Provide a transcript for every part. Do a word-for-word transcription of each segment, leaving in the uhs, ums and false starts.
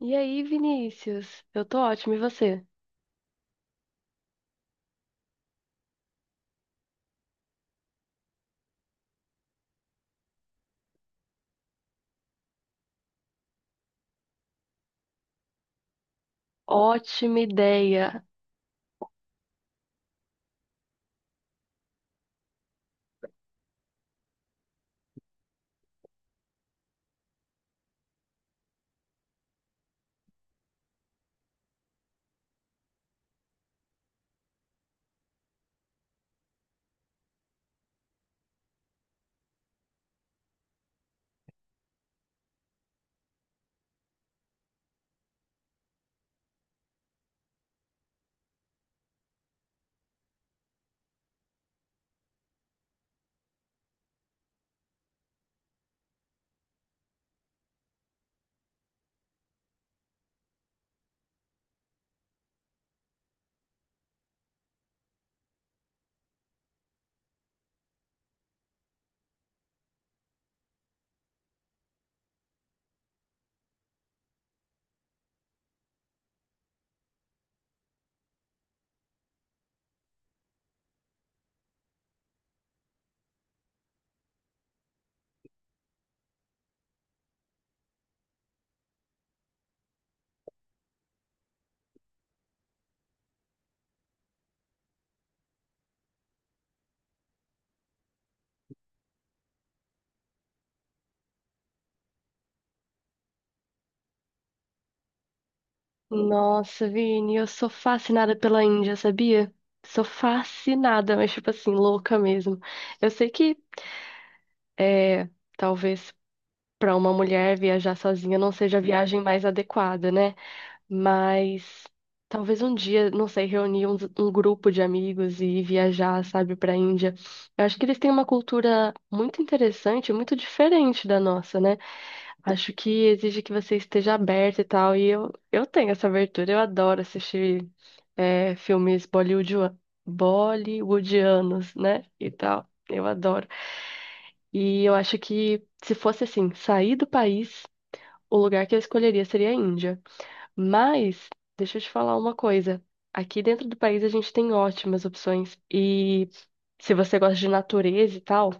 E aí, Vinícius? Eu tô ótima, e você? Ótima ideia. Nossa, Vini, eu sou fascinada pela Índia, sabia? Sou fascinada, mas tipo assim, louca mesmo. Eu sei que é, talvez pra uma mulher viajar sozinha não seja a viagem mais adequada, né? Mas talvez um dia, não sei, reunir um, um grupo de amigos e ir viajar, sabe, pra Índia. Eu acho que eles têm uma cultura muito interessante, muito diferente da nossa, né? Acho que exige que você esteja aberta e tal. E eu, eu tenho essa abertura. Eu adoro assistir é, filmes bollywoodua- bollywoodianos, né? E tal. Eu adoro. E eu acho que se fosse assim, sair do país, o lugar que eu escolheria seria a Índia. Mas, deixa eu te falar uma coisa. Aqui dentro do país a gente tem ótimas opções. E se você gosta de natureza e tal.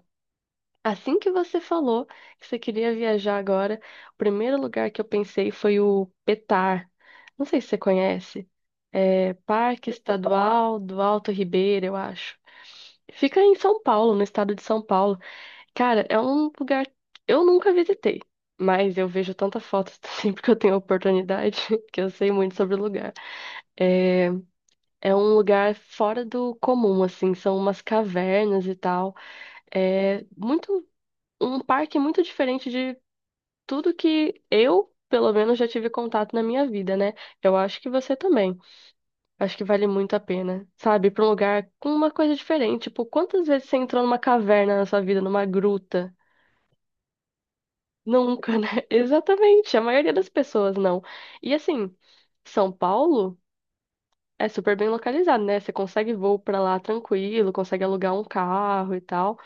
Assim que você falou que você queria viajar agora, o primeiro lugar que eu pensei foi o Petar. Não sei se você conhece. É Parque Estadual do Alto Ribeiro, eu acho. Fica em São Paulo, no estado de São Paulo. Cara, é um lugar que eu nunca visitei, mas eu vejo tanta fotos sempre que eu tenho oportunidade que eu sei muito sobre o lugar. É um lugar fora do comum, assim, são umas cavernas e tal. É muito um parque muito diferente tudo que eu, pelo menos, já tive contato na minha vida, né? Eu acho que você também. Acho que vale muito a pena, sabe? Ir pra um lugar com uma coisa diferente. Tipo, quantas vezes você entrou numa caverna na sua vida, numa gruta? Nunca, né? Exatamente. A maioria das pessoas não. E assim, São Paulo é super bem localizado, né? Você consegue voo pra lá tranquilo, consegue alugar um carro e tal.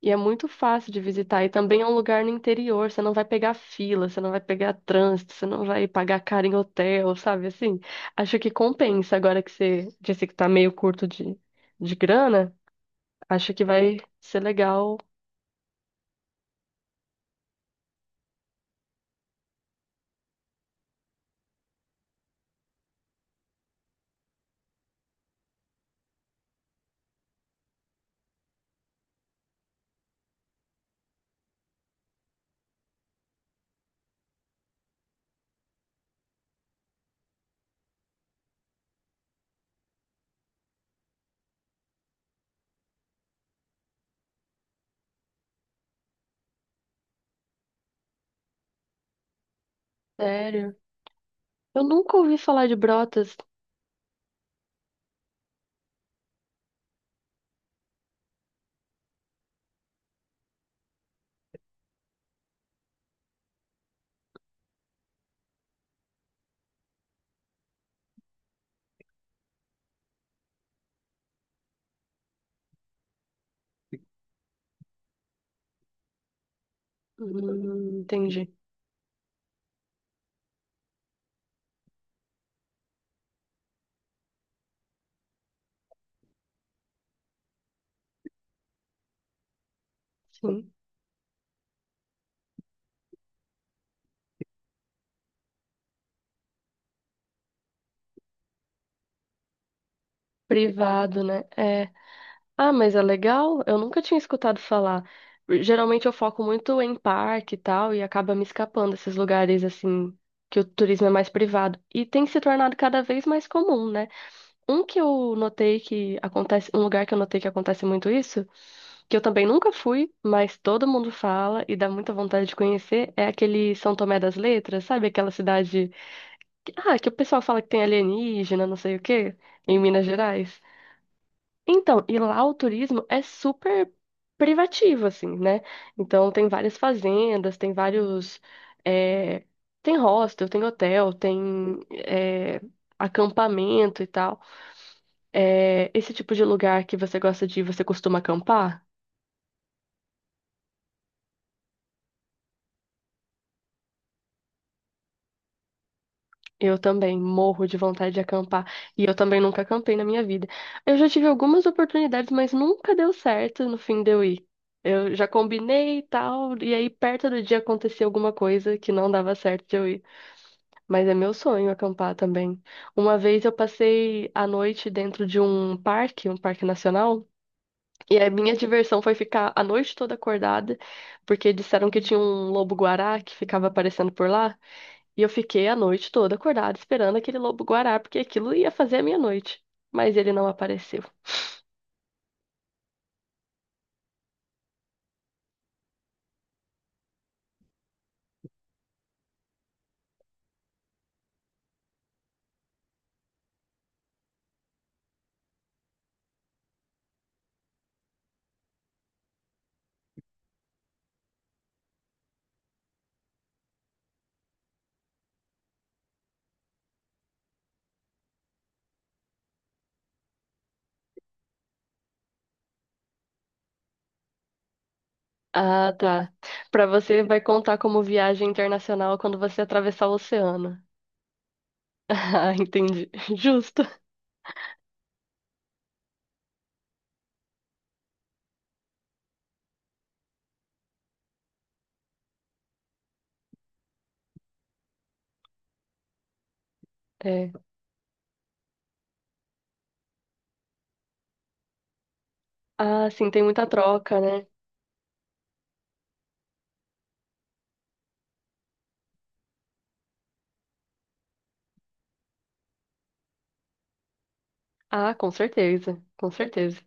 E é muito fácil de visitar. E também é um lugar no interior. Você não vai pegar fila, você não vai pegar trânsito, você não vai pagar caro em hotel, sabe? Assim, acho que compensa. Agora que você disse que tá meio curto de, de grana, acho que vai ser legal. Sério. Eu nunca ouvi falar de Brotas. Hum, entendi. Sim. Privado, né? É. Ah, mas é legal. Eu nunca tinha escutado falar. Geralmente eu foco muito em parque e tal, e acaba me escapando esses lugares assim que o turismo é mais privado. E tem se tornado cada vez mais comum, né? Um que eu notei que acontece, um lugar que eu notei que acontece muito isso, que eu também nunca fui, mas todo mundo fala e dá muita vontade de conhecer, é aquele São Tomé das Letras, sabe? Aquela cidade que, ah, que o pessoal fala que tem alienígena, não sei o quê, em Minas Gerais. Então, e lá o turismo é super privativo, assim, né? Então, tem várias fazendas, tem vários. é, Tem hostel, tem hotel, tem é, acampamento e tal. É, esse tipo de lugar que você gosta de ir, você costuma acampar? Eu também morro de vontade de acampar. E eu também nunca acampei na minha vida. Eu já tive algumas oportunidades, mas nunca deu certo no fim de eu ir. Eu já combinei e tal, e aí perto do dia acontecia alguma coisa que não dava certo de eu ir. Mas é meu sonho acampar também. Uma vez eu passei a noite dentro de um parque, um parque nacional, e a minha diversão foi ficar a noite toda acordada, porque disseram que tinha um lobo-guará que ficava aparecendo por lá. E eu fiquei a noite toda acordada esperando aquele lobo-guará, porque aquilo ia fazer a minha noite. Mas ele não apareceu. Ah, tá. Pra você vai contar como viagem internacional quando você atravessar o oceano. Ah, entendi. Justo. É. Ah, sim, tem muita troca, né? Ah, com certeza, com certeza.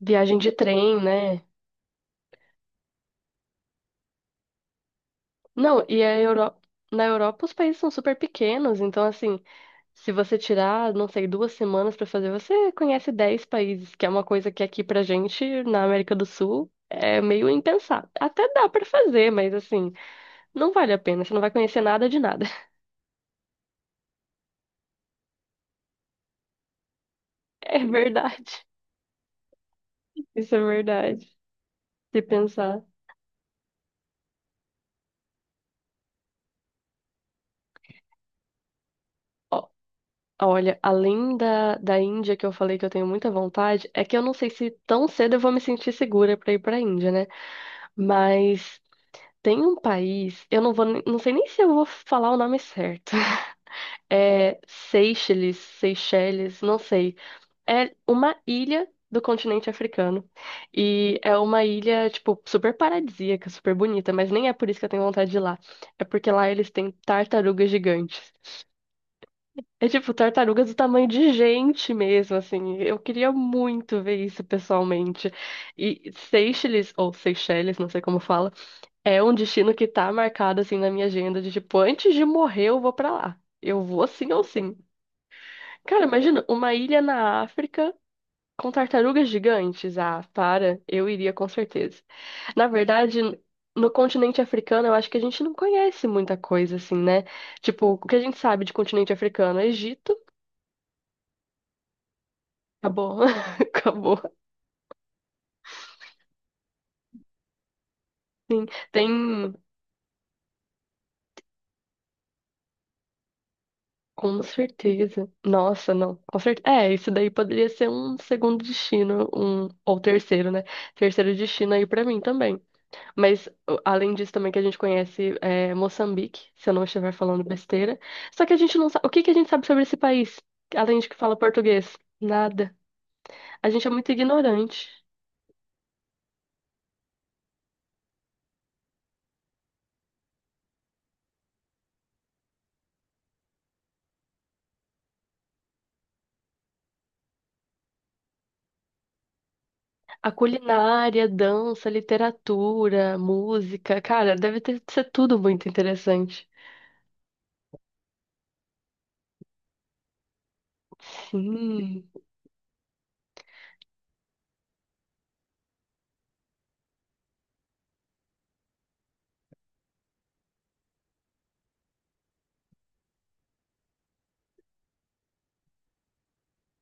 Viagem de trem, né? Não, e a Euro... Na Europa os países são super pequenos, então assim, se você tirar, não sei, duas semanas pra fazer, você conhece dez países, que é uma coisa que aqui pra gente, na América do Sul, é meio impensável. Até dá pra fazer, mas assim, não vale a pena, você não vai conhecer nada de nada. É verdade. Isso é verdade. Se pensar. Olha, além da, da Índia, que eu falei que eu tenho muita vontade, é que eu não sei se tão cedo eu vou me sentir segura pra ir pra Índia, né? Mas tem um país, eu não vou, nem- não sei nem se eu vou falar o nome certo. É Seychelles, Seychelles, não sei. É uma ilha do continente africano. E é uma ilha, tipo, super paradisíaca, super bonita, mas nem é por isso que eu tenho vontade de ir lá. É porque lá eles têm tartarugas gigantes. É tipo, tartarugas do tamanho de gente mesmo, assim. Eu queria muito ver isso pessoalmente. E Seychelles, ou Seychelles, não sei como fala, é um destino que tá marcado, assim, na minha agenda de, tipo, antes de morrer eu vou pra lá. Eu vou sim ou sim. Cara, imagina, uma ilha na África com tartarugas gigantes. Ah, para, eu iria com certeza. Na verdade, no continente africano, eu acho que a gente não conhece muita coisa assim, né? Tipo, o que a gente sabe de continente africano? É Egito, acabou, acabou. Sim, tem, com certeza. Nossa, não, com certeza. É, isso daí poderia ser um segundo destino, um ou terceiro, né? Terceiro destino aí pra mim também. Mas, o- além disso, também que a gente conhece é, Moçambique, se eu não estiver falando besteira. Só que a gente não sabe. O que que a gente sabe sobre esse país? Além de que fala português? Nada. A gente é muito ignorante. A culinária, dança, literatura, música, cara, deve ter, ser tudo muito interessante. Sim.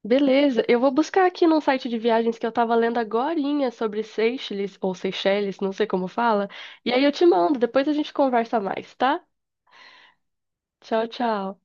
Beleza, eu vou buscar aqui num site de viagens que eu tava lendo agorinha sobre Seychelles, ou Seychelles, não sei como fala, e aí eu te mando, depois a gente conversa mais, tá? Tchau, tchau.